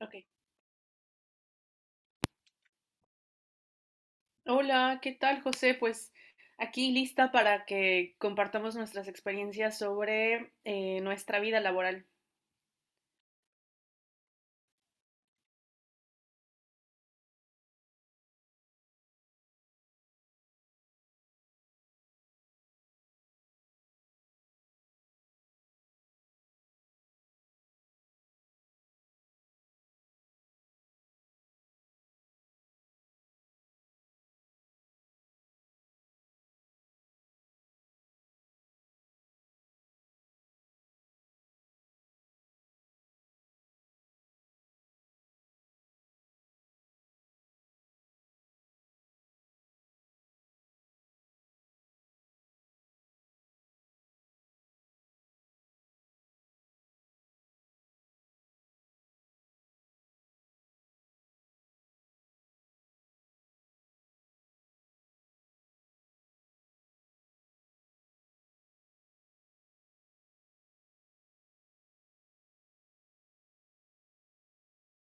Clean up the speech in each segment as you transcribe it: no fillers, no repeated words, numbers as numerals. Ok. Hola, ¿qué tal, José? Pues aquí lista para que compartamos nuestras experiencias sobre nuestra vida laboral.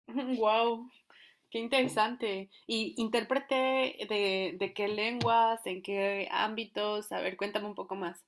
Wow, qué interesante. Y intérprete de qué lenguas, en qué ámbitos. A ver, cuéntame un poco más.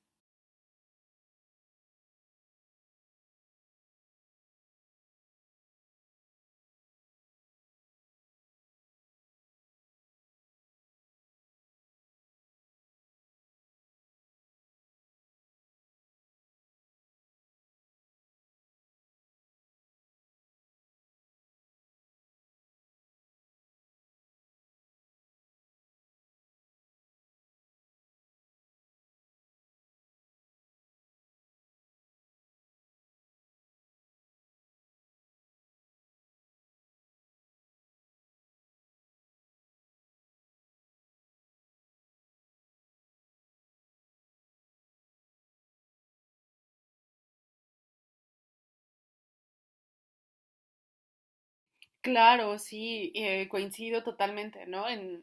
Claro, sí, coincido totalmente, ¿no? En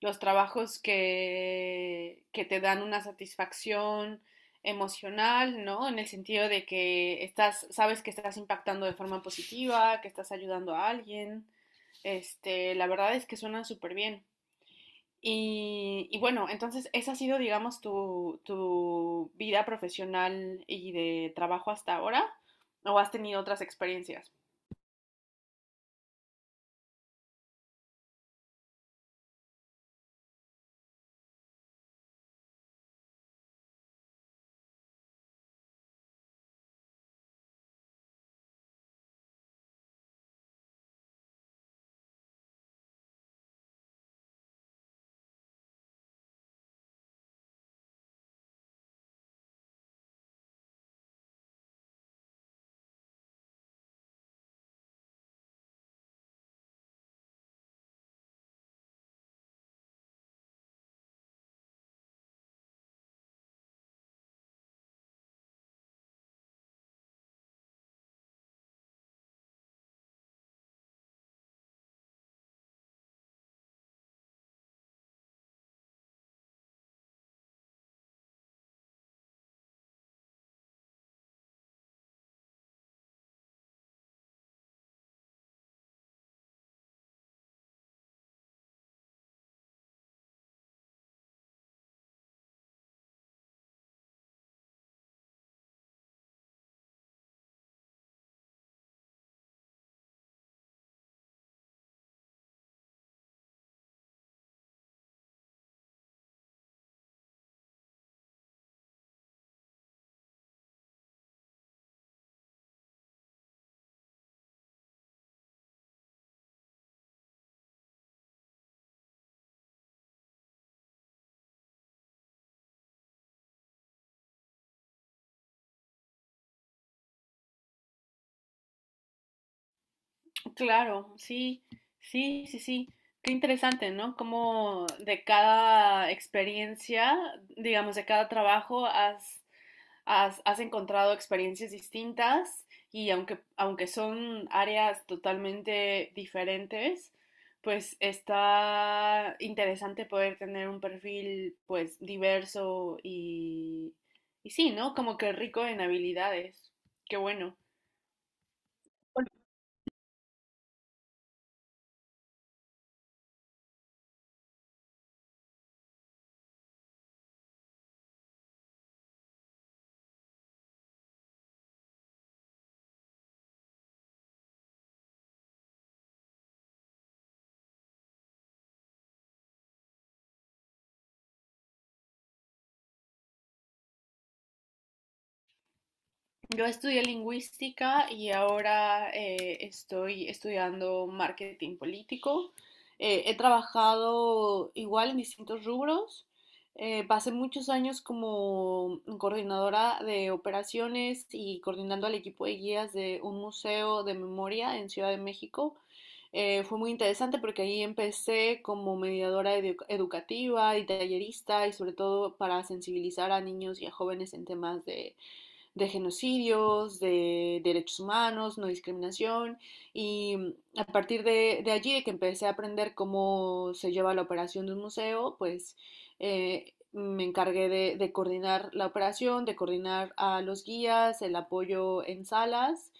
los trabajos que te dan una satisfacción emocional, ¿no? En el sentido de que estás, sabes que estás impactando de forma positiva, que estás ayudando a alguien. Este, la verdad es que suenan súper bien. Y bueno, entonces esa ha sido, digamos, tu vida profesional y de trabajo hasta ahora, ¿o has tenido otras experiencias? Claro, sí, sí, sí, sí. Qué interesante, ¿no? Como de cada experiencia, digamos, de cada trabajo, has encontrado experiencias distintas y aunque son áreas totalmente diferentes, pues está interesante poder tener un perfil, pues, diverso y sí, ¿no? Como que rico en habilidades. Qué bueno. Yo estudié lingüística y ahora estoy estudiando marketing político. He trabajado igual en distintos rubros. Pasé muchos años como coordinadora de operaciones y coordinando al equipo de guías de un museo de memoria en Ciudad de México. Fue muy interesante porque ahí empecé como mediadora educativa y tallerista y sobre todo para sensibilizar a niños y a jóvenes en temas de genocidios, de derechos humanos, no discriminación. Y a partir de allí, de que empecé a aprender cómo se lleva la operación de un museo, pues me encargué de coordinar la operación, de coordinar a los guías, el apoyo en salas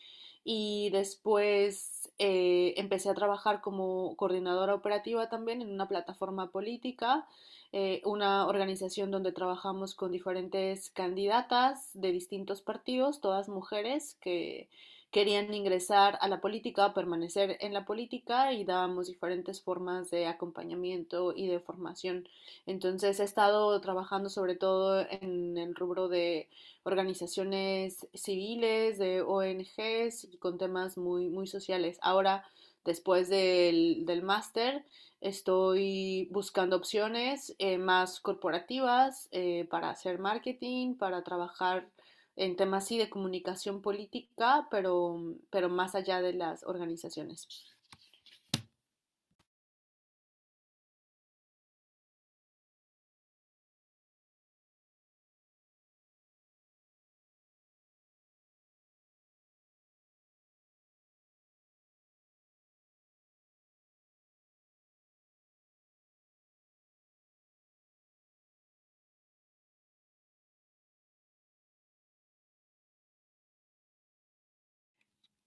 y después empecé a trabajar como coordinadora operativa también en una plataforma política, una organización donde trabajamos con diferentes candidatas de distintos partidos, todas mujeres que querían ingresar a la política, permanecer en la política y dábamos diferentes formas de acompañamiento y de formación. Entonces he estado trabajando sobre todo en el rubro de organizaciones civiles, de ONGs y con temas muy, muy sociales. Ahora, después del máster, estoy buscando opciones más corporativas para hacer marketing, para trabajar en temas sí de comunicación política, pero más allá de las organizaciones.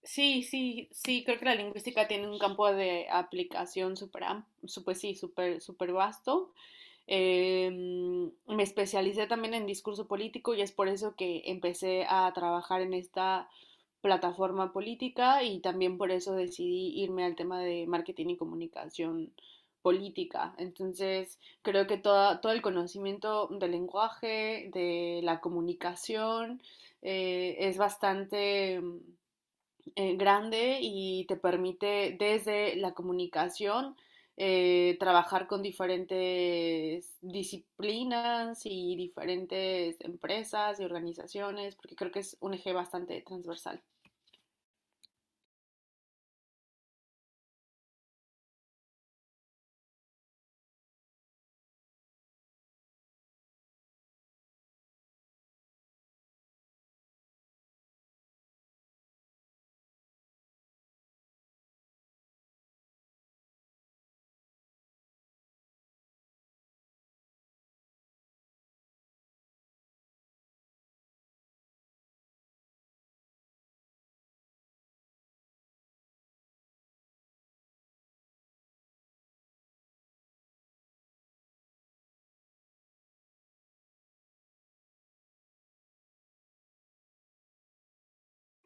Sí, sí, sí, creo que la lingüística tiene un campo de aplicación pues sí, súper, súper vasto. Me especialicé también en discurso político y es por eso que empecé a trabajar en esta plataforma política y también por eso decidí irme al tema de marketing y comunicación política. Entonces, creo que todo el conocimiento del lenguaje, de la comunicación, es bastante grande y te permite desde la comunicación trabajar con diferentes disciplinas y diferentes empresas y organizaciones, porque creo que es un eje bastante transversal.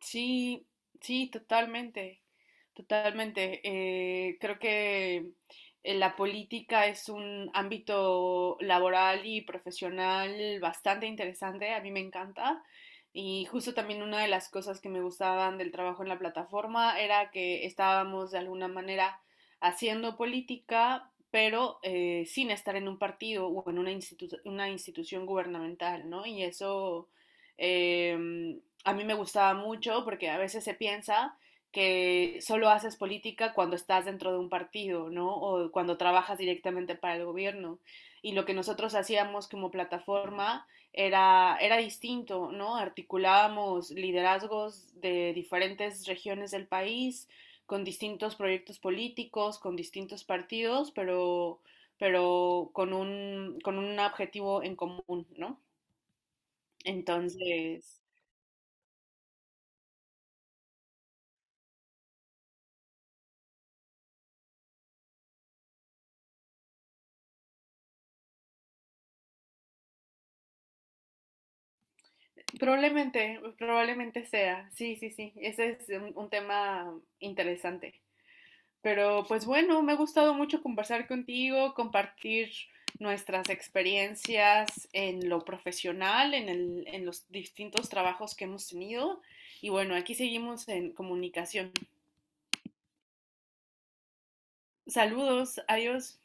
Sí, sí, totalmente, totalmente. Creo que la política es un ámbito laboral y profesional bastante interesante, a mí me encanta. Y justo también una de las cosas que me gustaban del trabajo en la plataforma era que estábamos de alguna manera haciendo política, pero sin estar en un partido o en una una institución gubernamental, ¿no? Em, a mí me gustaba mucho porque a veces se piensa que solo haces política cuando estás dentro de un partido, ¿no? O cuando trabajas directamente para el gobierno. Y lo que nosotros hacíamos como plataforma era distinto, ¿no? Articulábamos liderazgos de diferentes regiones del país, con distintos proyectos políticos, con distintos partidos, pero con un objetivo en común, ¿no? Entonces, probablemente, probablemente sea. Sí, sí, sí. Ese es un tema interesante. Pero pues bueno, me ha gustado mucho conversar contigo, compartir nuestras experiencias en lo profesional, en los distintos trabajos que hemos tenido. Y bueno, aquí seguimos en comunicación. Saludos, adiós.